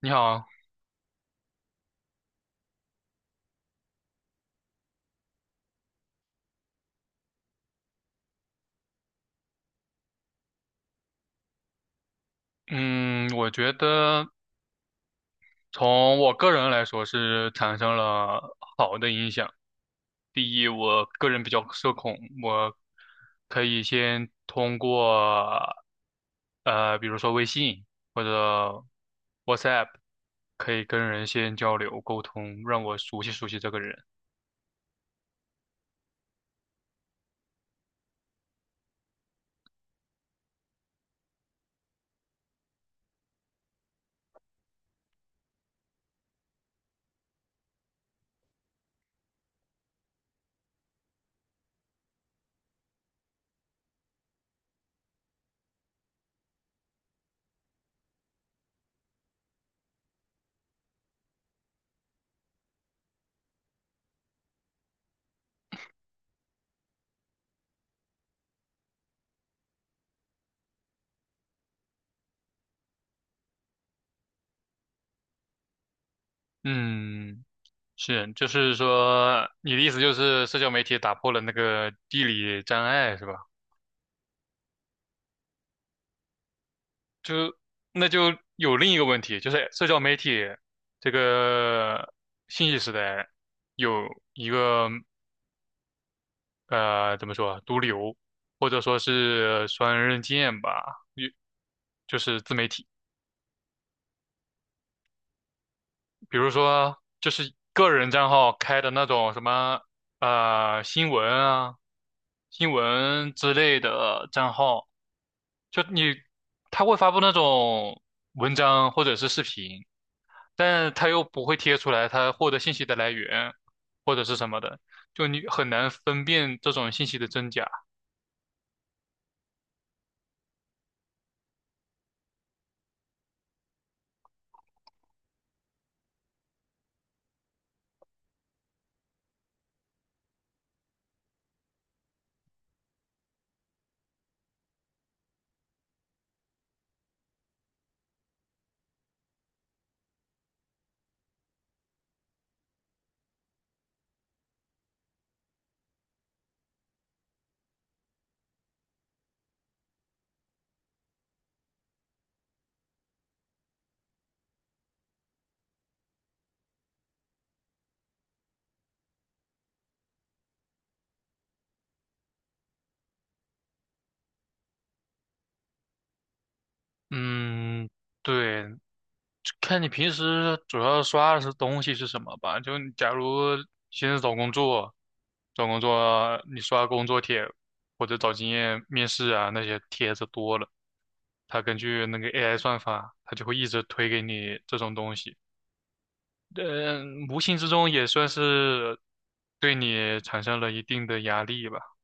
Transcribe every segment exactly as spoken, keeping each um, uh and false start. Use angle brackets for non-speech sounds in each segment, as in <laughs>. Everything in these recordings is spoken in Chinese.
你好。嗯，我觉得从我个人来说是产生了好的影响。第一，我个人比较社恐，我可以先通过呃，比如说微信或者 WhatsApp，可以跟人先交流沟通，让我熟悉熟悉这个人。嗯，是，就是说你的意思就是社交媒体打破了那个地理障碍，是吧？那就有另一个问题，就是社交媒体这个信息时代有一个呃，怎么说啊，毒瘤，或者说是双刃剑吧，就就是自媒体。比如说就是个人账号开的那种什么呃新闻啊、新闻之类的账号，就你他会发布那种文章或者是视频，但他又不会贴出来他获得信息的来源或者是什么的，就你很难分辨这种信息的真假。嗯，对，看你平时主要刷的是东西是什么吧。就你假如现在找工作，找工作你刷工作帖或者找经验面试啊那些帖子多了，它根据那个 A I 算法，它就会一直推给你这种东西。嗯，无形之中也算是对你产生了一定的压力吧。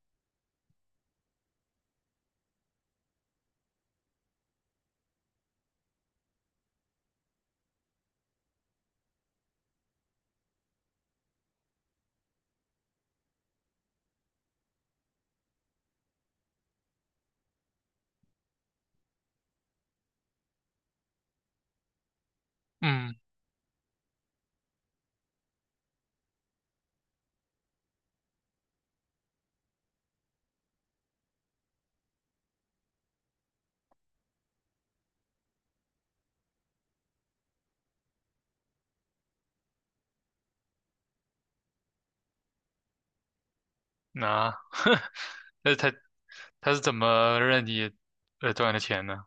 嗯，那、<laughs> 那他他是怎么让你呃赚的钱呢？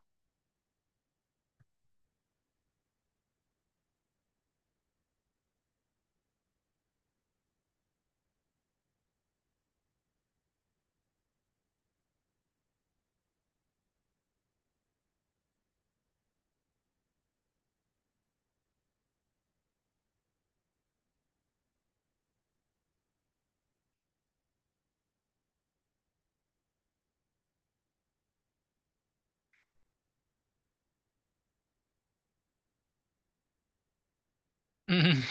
<laughs> <clears throat> 嗯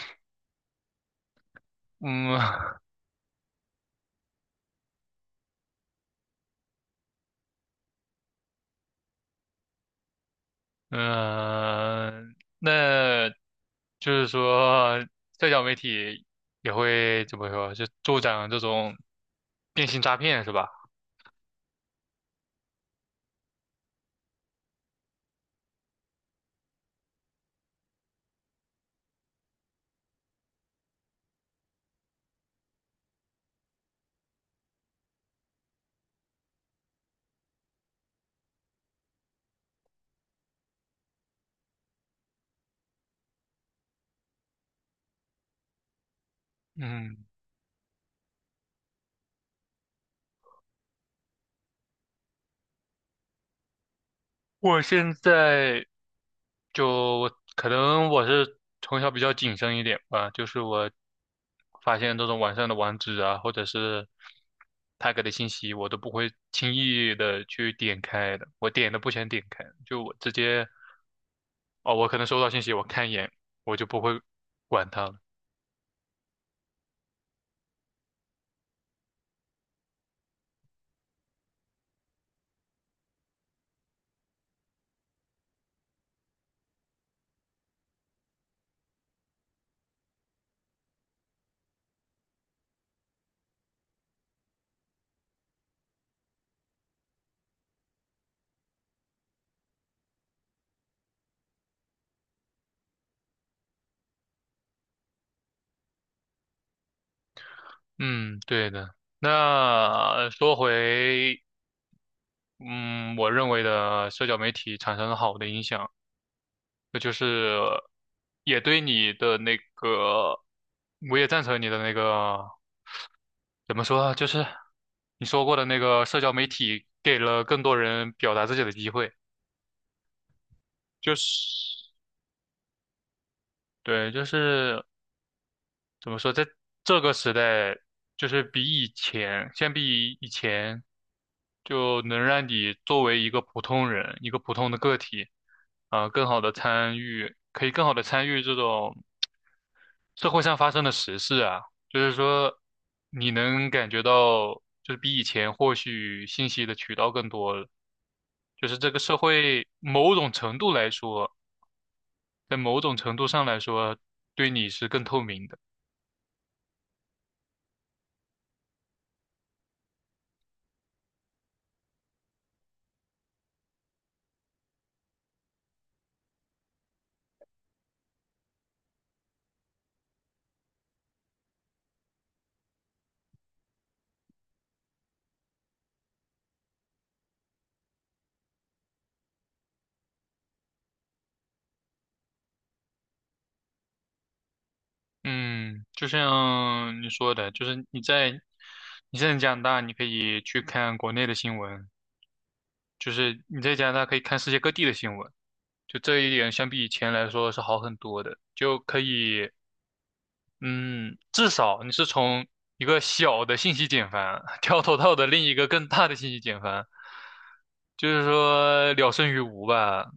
嗯。嗯，那就是说，社交媒体也会怎么说，就助长这种电信诈骗是吧？嗯，我现在就可能我是从小比较谨慎一点吧，就是我发现这种网上的网址啊，或者是他给的信息，我都不会轻易的去点开的，我点都不想点开，就我直接。哦，我可能收到信息，我看一眼，我就不会管它了。嗯，对的。那说回，嗯，我认为的社交媒体产生了好的影响，那就是也对你的那个，我也赞成你的那个，怎么说啊就是你说过的那个社交媒体给了更多人表达自己的机会，就是对，就是。怎么说，在这个时代，就是比以前，相比以前，就能让你作为一个普通人，一个普通的个体，啊、更好的参与，可以更好的参与这种社会上发生的时事啊，就是说，你能感觉到，就是比以前获取信息的渠道更多了，就是这个社会某种程度来说，在某种程度上来说，对你是更透明的。嗯，就像你说的，就是你在你在加拿大，你可以去看国内的新闻，就是你在加拿大可以看世界各地的新闻，就这一点相比以前来说是好很多的，就可以，嗯，至少你是从一个小的信息茧房 <laughs> 跳脱到的另一个更大的信息茧房，就是说了胜于无吧，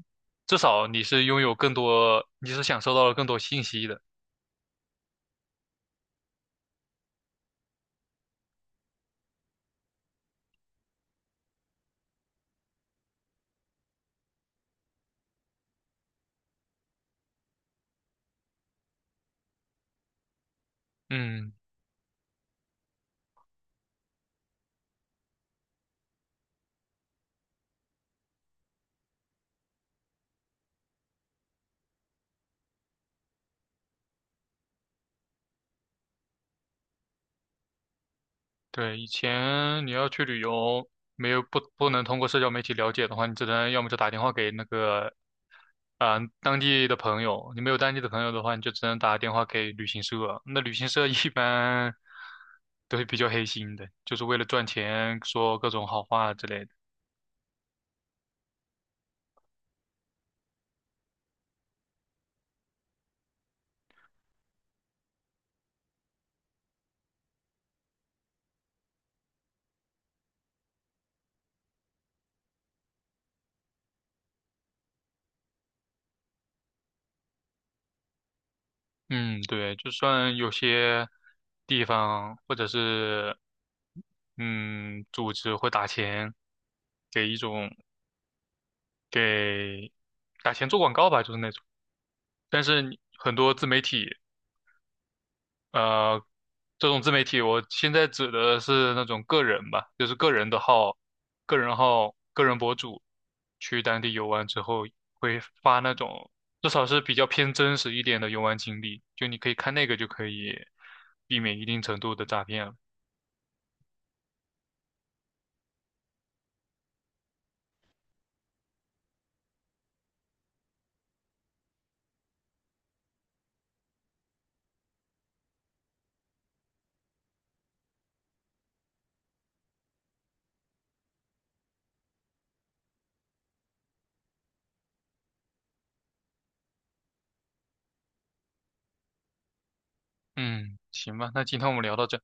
至少你是拥有更多，你是享受到了更多信息的。嗯，对，以前你要去旅游，没有不不能通过社交媒体了解的话，你只能要么就打电话给那个，啊、当地的朋友。你没有当地的朋友的话，你就只能打电话给旅行社。那旅行社一般都是比较黑心的，就是为了赚钱，说各种好话之类的。嗯，对，就算有些地方或者是嗯组织会打钱给一种给打钱做广告吧，就是那种。但是你很多自媒体，呃，这种自媒体，我现在指的是那种个人吧，就是个人的号、个人号、个人博主，去当地游玩之后会发那种，至少是比较偏真实一点的游玩经历，就你可以看那个就可以避免一定程度的诈骗了。嗯，行吧，那今天我们聊到这。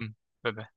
嗯，拜拜。